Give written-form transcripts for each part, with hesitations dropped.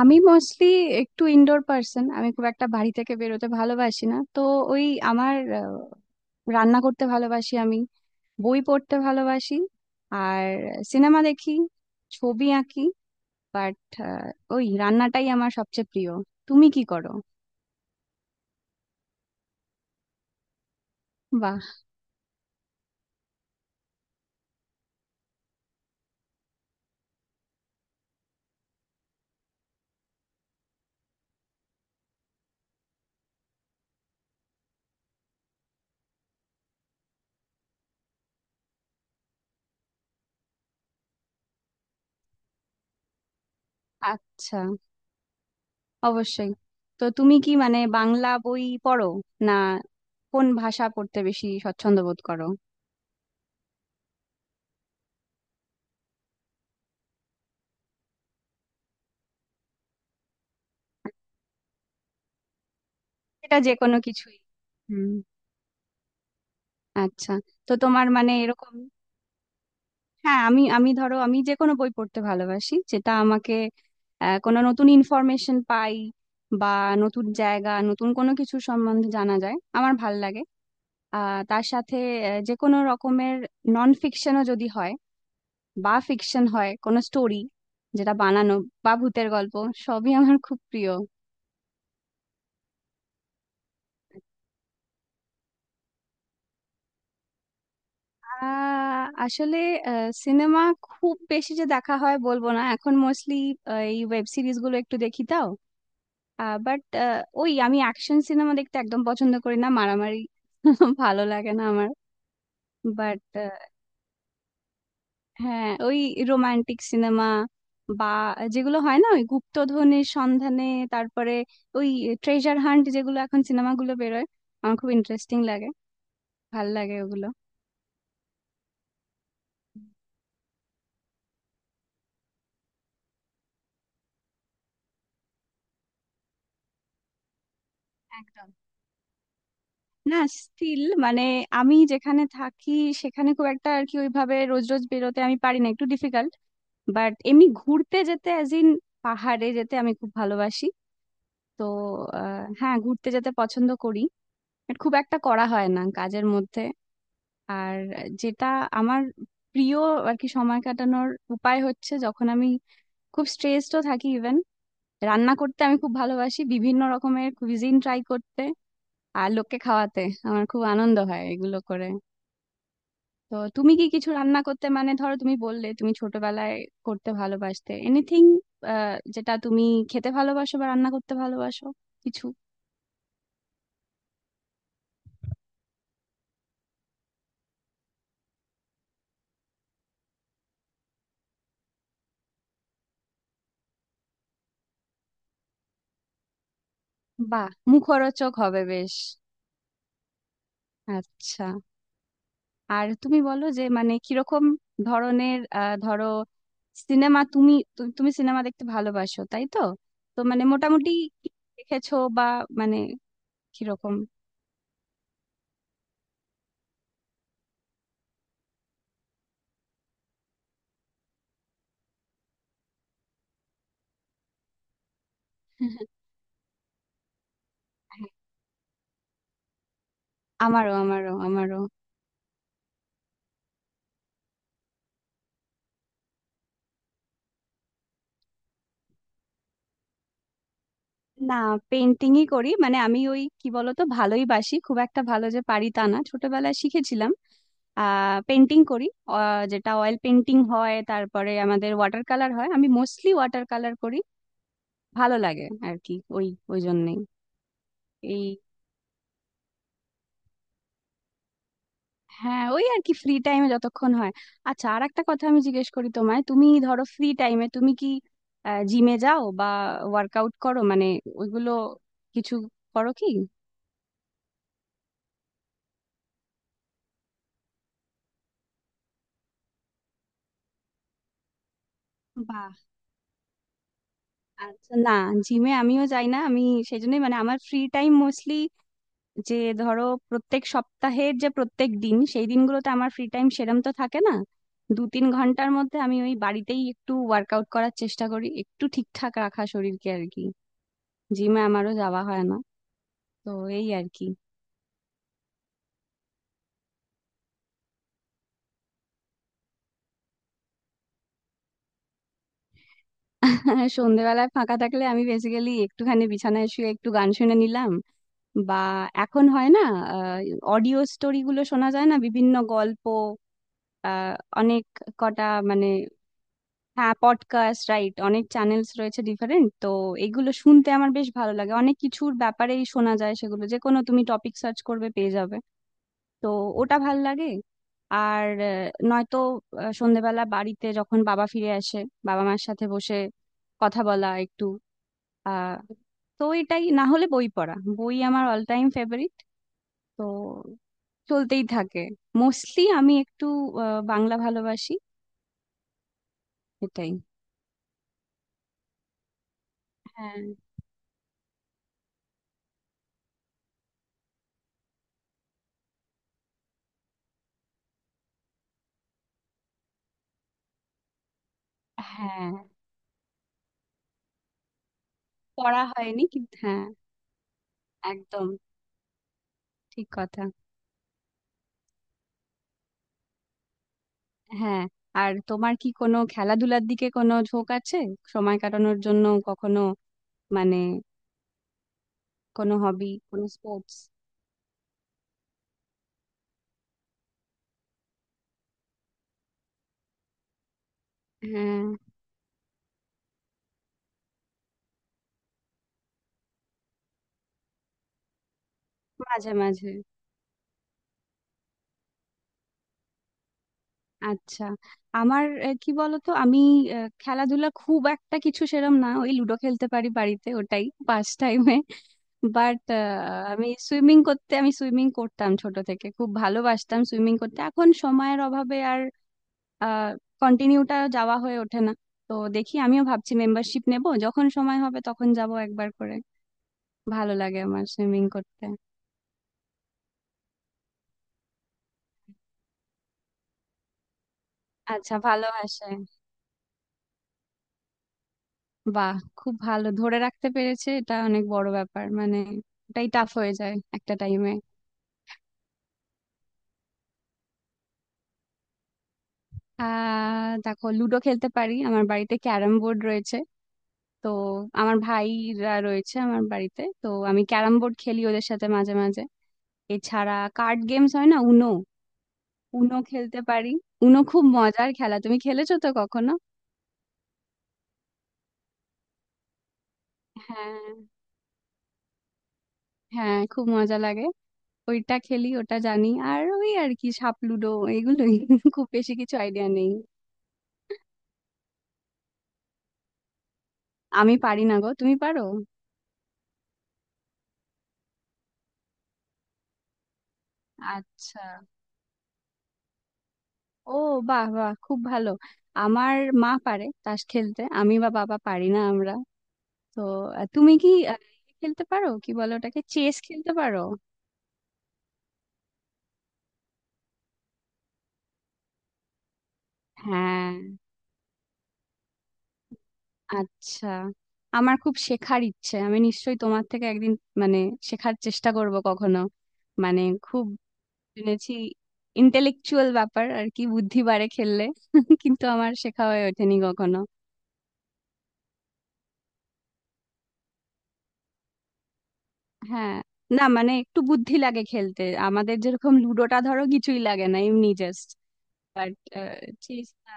আমি মোস্টলি একটু indoor person. আমি খুব একটা বাড়ি থেকে বেরোতে ভালোবাসি না তো। ওই আমার রান্না করতে ভালোবাসি আমি, বই পড়তে ভালোবাসি, আর সিনেমা দেখি, ছবি আঁকি। বাট ওই রান্নাটাই আমার সবচেয়ে প্রিয়। তুমি কি করো? বাহ। আচ্ছা, অবশ্যই। তো তুমি কি মানে বাংলা বই পড়ো না কোন ভাষা পড়তে বেশি স্বচ্ছন্দ বোধ করো? এটা যে কোনো কিছুই। হুম, আচ্ছা। তো তোমার মানে এরকম, হ্যাঁ। আমি আমি ধরো আমি যে কোনো বই পড়তে ভালোবাসি যেটা আমাকে কোনো নতুন ইনফরমেশন পাই, বা নতুন জায়গা নতুন কোনো কিছু সম্বন্ধে জানা যায়, আমার ভাল লাগে। তার সাথে যে কোনো রকমের নন ফিকশনও যদি হয়, বা ফিকশন হয় কোনো স্টোরি যেটা বানানো, বা ভূতের গল্প, সবই আমার খুব প্রিয়। আসলে সিনেমা খুব বেশি যে দেখা হয় বলবো না। এখন মোস্টলি এই ওয়েব সিরিজ গুলো একটু দেখি, তাও। বাট ওই আমি অ্যাকশন সিনেমা দেখতে একদম পছন্দ করি না, মারামারি ভালো লাগে না আমার। বাট হ্যাঁ, ওই রোমান্টিক সিনেমা, বা যেগুলো হয় না, ওই গুপ্তধনের সন্ধানে, তারপরে ওই ট্রেজার হান্ট যেগুলো এখন সিনেমাগুলো বেরোয়, আমার খুব ইন্টারেস্টিং লাগে, ভাল লাগে ওগুলো। একদম। না স্টিল মানে আমি যেখানে থাকি সেখানে খুব একটা আর কি ওইভাবে রোজ রোজ বেরোতে আমি পারি না, একটু ডিফিকাল্ট। বাট এমনি ঘুরতে যেতে, অ্যাজ ইন পাহাড়ে যেতে আমি খুব ভালোবাসি। তো হ্যাঁ, ঘুরতে যেতে পছন্দ করি, বাট খুব একটা করা হয় না কাজের মধ্যে। আর যেটা আমার প্রিয় আর কি সময় কাটানোর উপায় হচ্ছে, যখন আমি খুব স্ট্রেসডও থাকি ইভেন, রান্না করতে আমি খুব ভালোবাসি, বিভিন্ন রকমের কুইজিন ট্রাই করতে আর লোককে খাওয়াতে আমার খুব আনন্দ হয় এগুলো করে। তো তুমি কি কিছু রান্না করতে, মানে ধরো তুমি বললে তুমি ছোটবেলায় করতে ভালোবাসতে, এনিথিং যেটা তুমি খেতে ভালোবাসো বা রান্না করতে ভালোবাসো কিছু? বাহ, মুখরোচক হবে বেশ। আচ্ছা, আর তুমি বলো যে মানে কিরকম ধরনের ধরো সিনেমা তুমি, তুমি সিনেমা দেখতে ভালোবাসো তাই তো? তো মানে মোটামুটি কি দেখেছো বা, মানে কিরকম? আমারও, আমারও, আমারও। না, পেন্টিংই করি। মানে আমি ওই কি বলতো, ভালোই বাসি, খুব একটা ভালো যে পারি তা না, ছোটবেলায় শিখেছিলাম। পেন্টিং করি, যেটা অয়েল পেন্টিং হয় তারপরে আমাদের ওয়াটার কালার হয়, আমি মোস্টলি ওয়াটার কালার করি। ভালো লাগে আর কি, ওই ওই জন্যেই। এই, হ্যাঁ ওই আর কি ফ্রি টাইমে যতক্ষণ হয়। আচ্ছা, আর একটা কথা আমি জিজ্ঞেস করি তোমায়, তুমি ধরো ফ্রি টাইমে তুমি কি জিমে যাও বা ওয়ার্কআউট করো, মানে ওইগুলো কিছু করো কি? বাহ। আচ্ছা, না জিমে আমিও যাই না আমি, সেই জন্যই মানে আমার ফ্রি টাইম মোস্টলি যে ধরো, প্রত্যেক সপ্তাহের যে প্রত্যেক দিন সেই দিনগুলোতে আমার ফ্রি টাইম সেরম তো থাকে না। 2-3 ঘন্টার মধ্যে আমি ওই বাড়িতেই একটু ওয়ার্কআউট করার চেষ্টা করি, একটু ঠিকঠাক রাখা শরীরকে আর কি। জিমে আমারও যাওয়া হয় না তো। এই আর কি। হ্যাঁ, সন্ধেবেলায় ফাঁকা থাকলে আমি বেসিক্যালি একটুখানি বিছানায় শুয়ে একটু গান শুনে নিলাম, বা এখন হয় না অডিও স্টোরি গুলো শোনা যায় না, বিভিন্ন গল্প, আহ, অনেক কটা মানে। হ্যাঁ, পডকাস্ট রাইট, অনেক চ্যানেলস রয়েছে ডিফারেন্ট, তো এগুলো শুনতে আমার বেশ ভালো লাগে। অনেক কিছুর ব্যাপারেই শোনা যায় সেগুলো, যে কোনো তুমি টপিক সার্চ করবে পেয়ে যাবে। তো ওটা ভাল লাগে। আর নয়তো সন্ধেবেলা বাড়িতে যখন বাবা ফিরে আসে, বাবা মার সাথে বসে কথা বলা একটু আহ তো এটাই, না হলে বই পড়া, বই আমার অল টাইম ফেভারিট। তো চলতেই থাকে। মোস্টলি আমি একটু বাংলা ভালোবাসি। এটাই। হ্যাঁ। হ্যাঁ, পড়া হয়নি কিন্তু, হ্যাঁ। একদম ঠিক কথা। হ্যাঁ। আর তোমার কি কোনো খেলাধুলার দিকে কোনো ঝোঁক আছে সময় কাটানোর জন্য কখনো? মানে কোনো হবি, কোনো স্পোর্টস? হ্যাঁ, মাঝে মাঝে। আচ্ছা, আমার কি বলতো, আমি খেলাধুলা খুব একটা কিছু সেরম না। ওই লুডো খেলতে পারি বাড়িতে, ওটাই পাস টাইমে। বাট আমি সুইমিং করতে, আমি সুইমিং করতাম ছোট থেকে, খুব ভালোবাসতাম সুইমিং করতে। এখন সময়ের অভাবে আর কন্টিনিউটা যাওয়া হয়ে ওঠে না। তো দেখি, আমিও ভাবছি মেম্বারশিপ নেব, যখন সময় হবে তখন যাব একবার করে। ভালো লাগে আমার সুইমিং করতে। আচ্ছা, ভালোবাসে। বাহ, খুব ভালো, ধরে রাখতে পেরেছে, এটা অনেক বড় ব্যাপার। মানে এটাই টাফ হয়ে যায় একটা টাইমে। দেখো লুডো খেলতে পারি, আমার বাড়িতে ক্যারাম বোর্ড রয়েছে, তো আমার ভাইরা রয়েছে আমার বাড়িতে, তো আমি ক্যারাম বোর্ড খেলি ওদের সাথে মাঝে মাঝে। এছাড়া কার্ড গেমস, হয় না উনো, উনো খেলতে পারি। উনো খুব মজার খেলা, তুমি খেলেছো তো কখনো? হ্যাঁ। হ্যাঁ, খুব মজা লাগে। ওইটা খেলি, ওটা জানি, আর ওই আর কি সাপ লুডো, এগুলোই খুব বেশি কিছু আইডিয়া নেই। আমি পারি না গো, তুমি পারো? আচ্ছা, ও, বাহ বাহ, খুব ভালো। আমার মা পারে তাস খেলতে, আমি বা বাবা পারি না আমরা। তো তুমি কি খেলতে পারো, কি বলো ওটাকে, চেস খেলতে পারো? হ্যাঁ। আচ্ছা, আমার খুব শেখার ইচ্ছে। আমি নিশ্চয়ই তোমার থেকে একদিন, মানে শেখার চেষ্টা করব কখনো। মানে খুব শুনেছি, ইন্টেলেকচুয়াল ব্যাপার আর কি, বুদ্ধি বাড়ে খেললে, কিন্তু আমার শেখা হয়ে ওঠেনি কখনো। হ্যাঁ, না মানে একটু বুদ্ধি লাগে খেলতে। আমাদের যেরকম লুডোটা ধরো কিছুই লাগে না, এমনি জাস্ট। বাট চেস, না?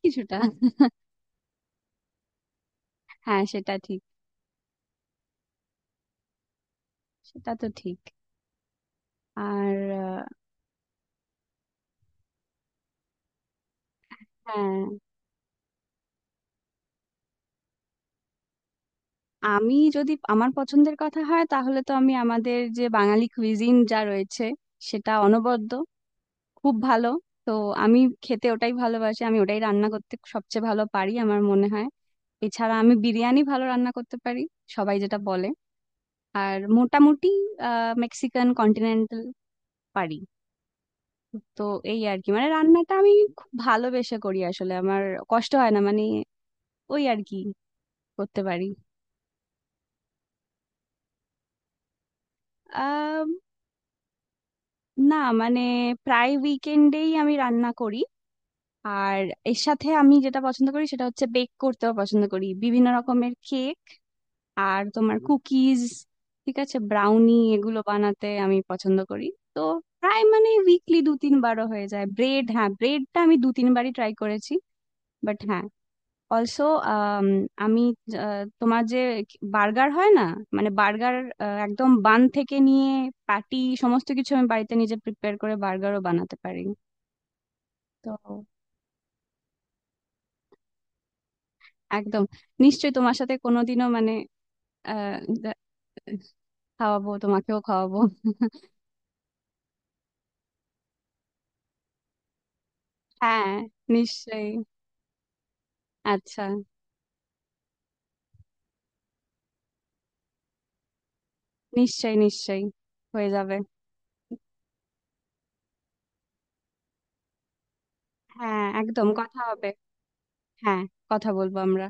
কিছুটা হ্যাঁ, সেটা ঠিক। সেটা তো ঠিক। আর হ্যাঁ। আমি যদি আমার পছন্দের কথা হয় তাহলে তো, আমি আমাদের যে বাঙালি কুইজিন যা রয়েছে সেটা অনবদ্য, খুব ভালো, তো আমি খেতে ওটাই ভালোবাসি, আমি ওটাই রান্না করতে সবচেয়ে ভালো পারি আমার মনে হয়। এছাড়া আমি বিরিয়ানি ভালো রান্না করতে পারি, সবাই যেটা বলে। আর মোটামুটি মেক্সিকান, কন্টিনেন্টাল পারি। তো এই আর কি, মানে রান্নাটা আমি খুব ভালোবেসে করি আসলে, আমার কষ্ট হয় না মানে, ওই আর কি করতে পারি। না মানে, প্রায় উইকেন্ডেই আমি রান্না করি। আর এর সাথে আমি যেটা পছন্দ করি সেটা হচ্ছে, বেক করতেও পছন্দ করি, বিভিন্ন রকমের কেক আর তোমার কুকিজ, ঠিক আছে, ব্রাউনি, এগুলো বানাতে আমি পছন্দ করি। তো প্রায় মানে উইকলি 2-3 বারও হয়ে যায়। ব্রেড, হ্যাঁ ব্রেডটা আমি 2-3 বারই ট্রাই করেছি। বাট হ্যাঁ, অলসো আমি তোমার যে বার্গার হয় না, মানে বার্গার একদম বান থেকে নিয়ে প্যাটি সমস্ত কিছু আমি বাড়িতে নিজে প্রিপেয়ার করে বার্গারও বানাতে পারি। তো একদম। নিশ্চয়ই তোমার সাথে কোনোদিনও মানে আহ, দে- খাওয়াবো, তোমাকেও খাওয়াবো। হ্যাঁ, নিশ্চয়ই। আচ্ছা, নিশ্চয়ই নিশ্চয়ই হয়ে যাবে। হ্যাঁ, একদম কথা হবে। হ্যাঁ, কথা বলবো আমরা।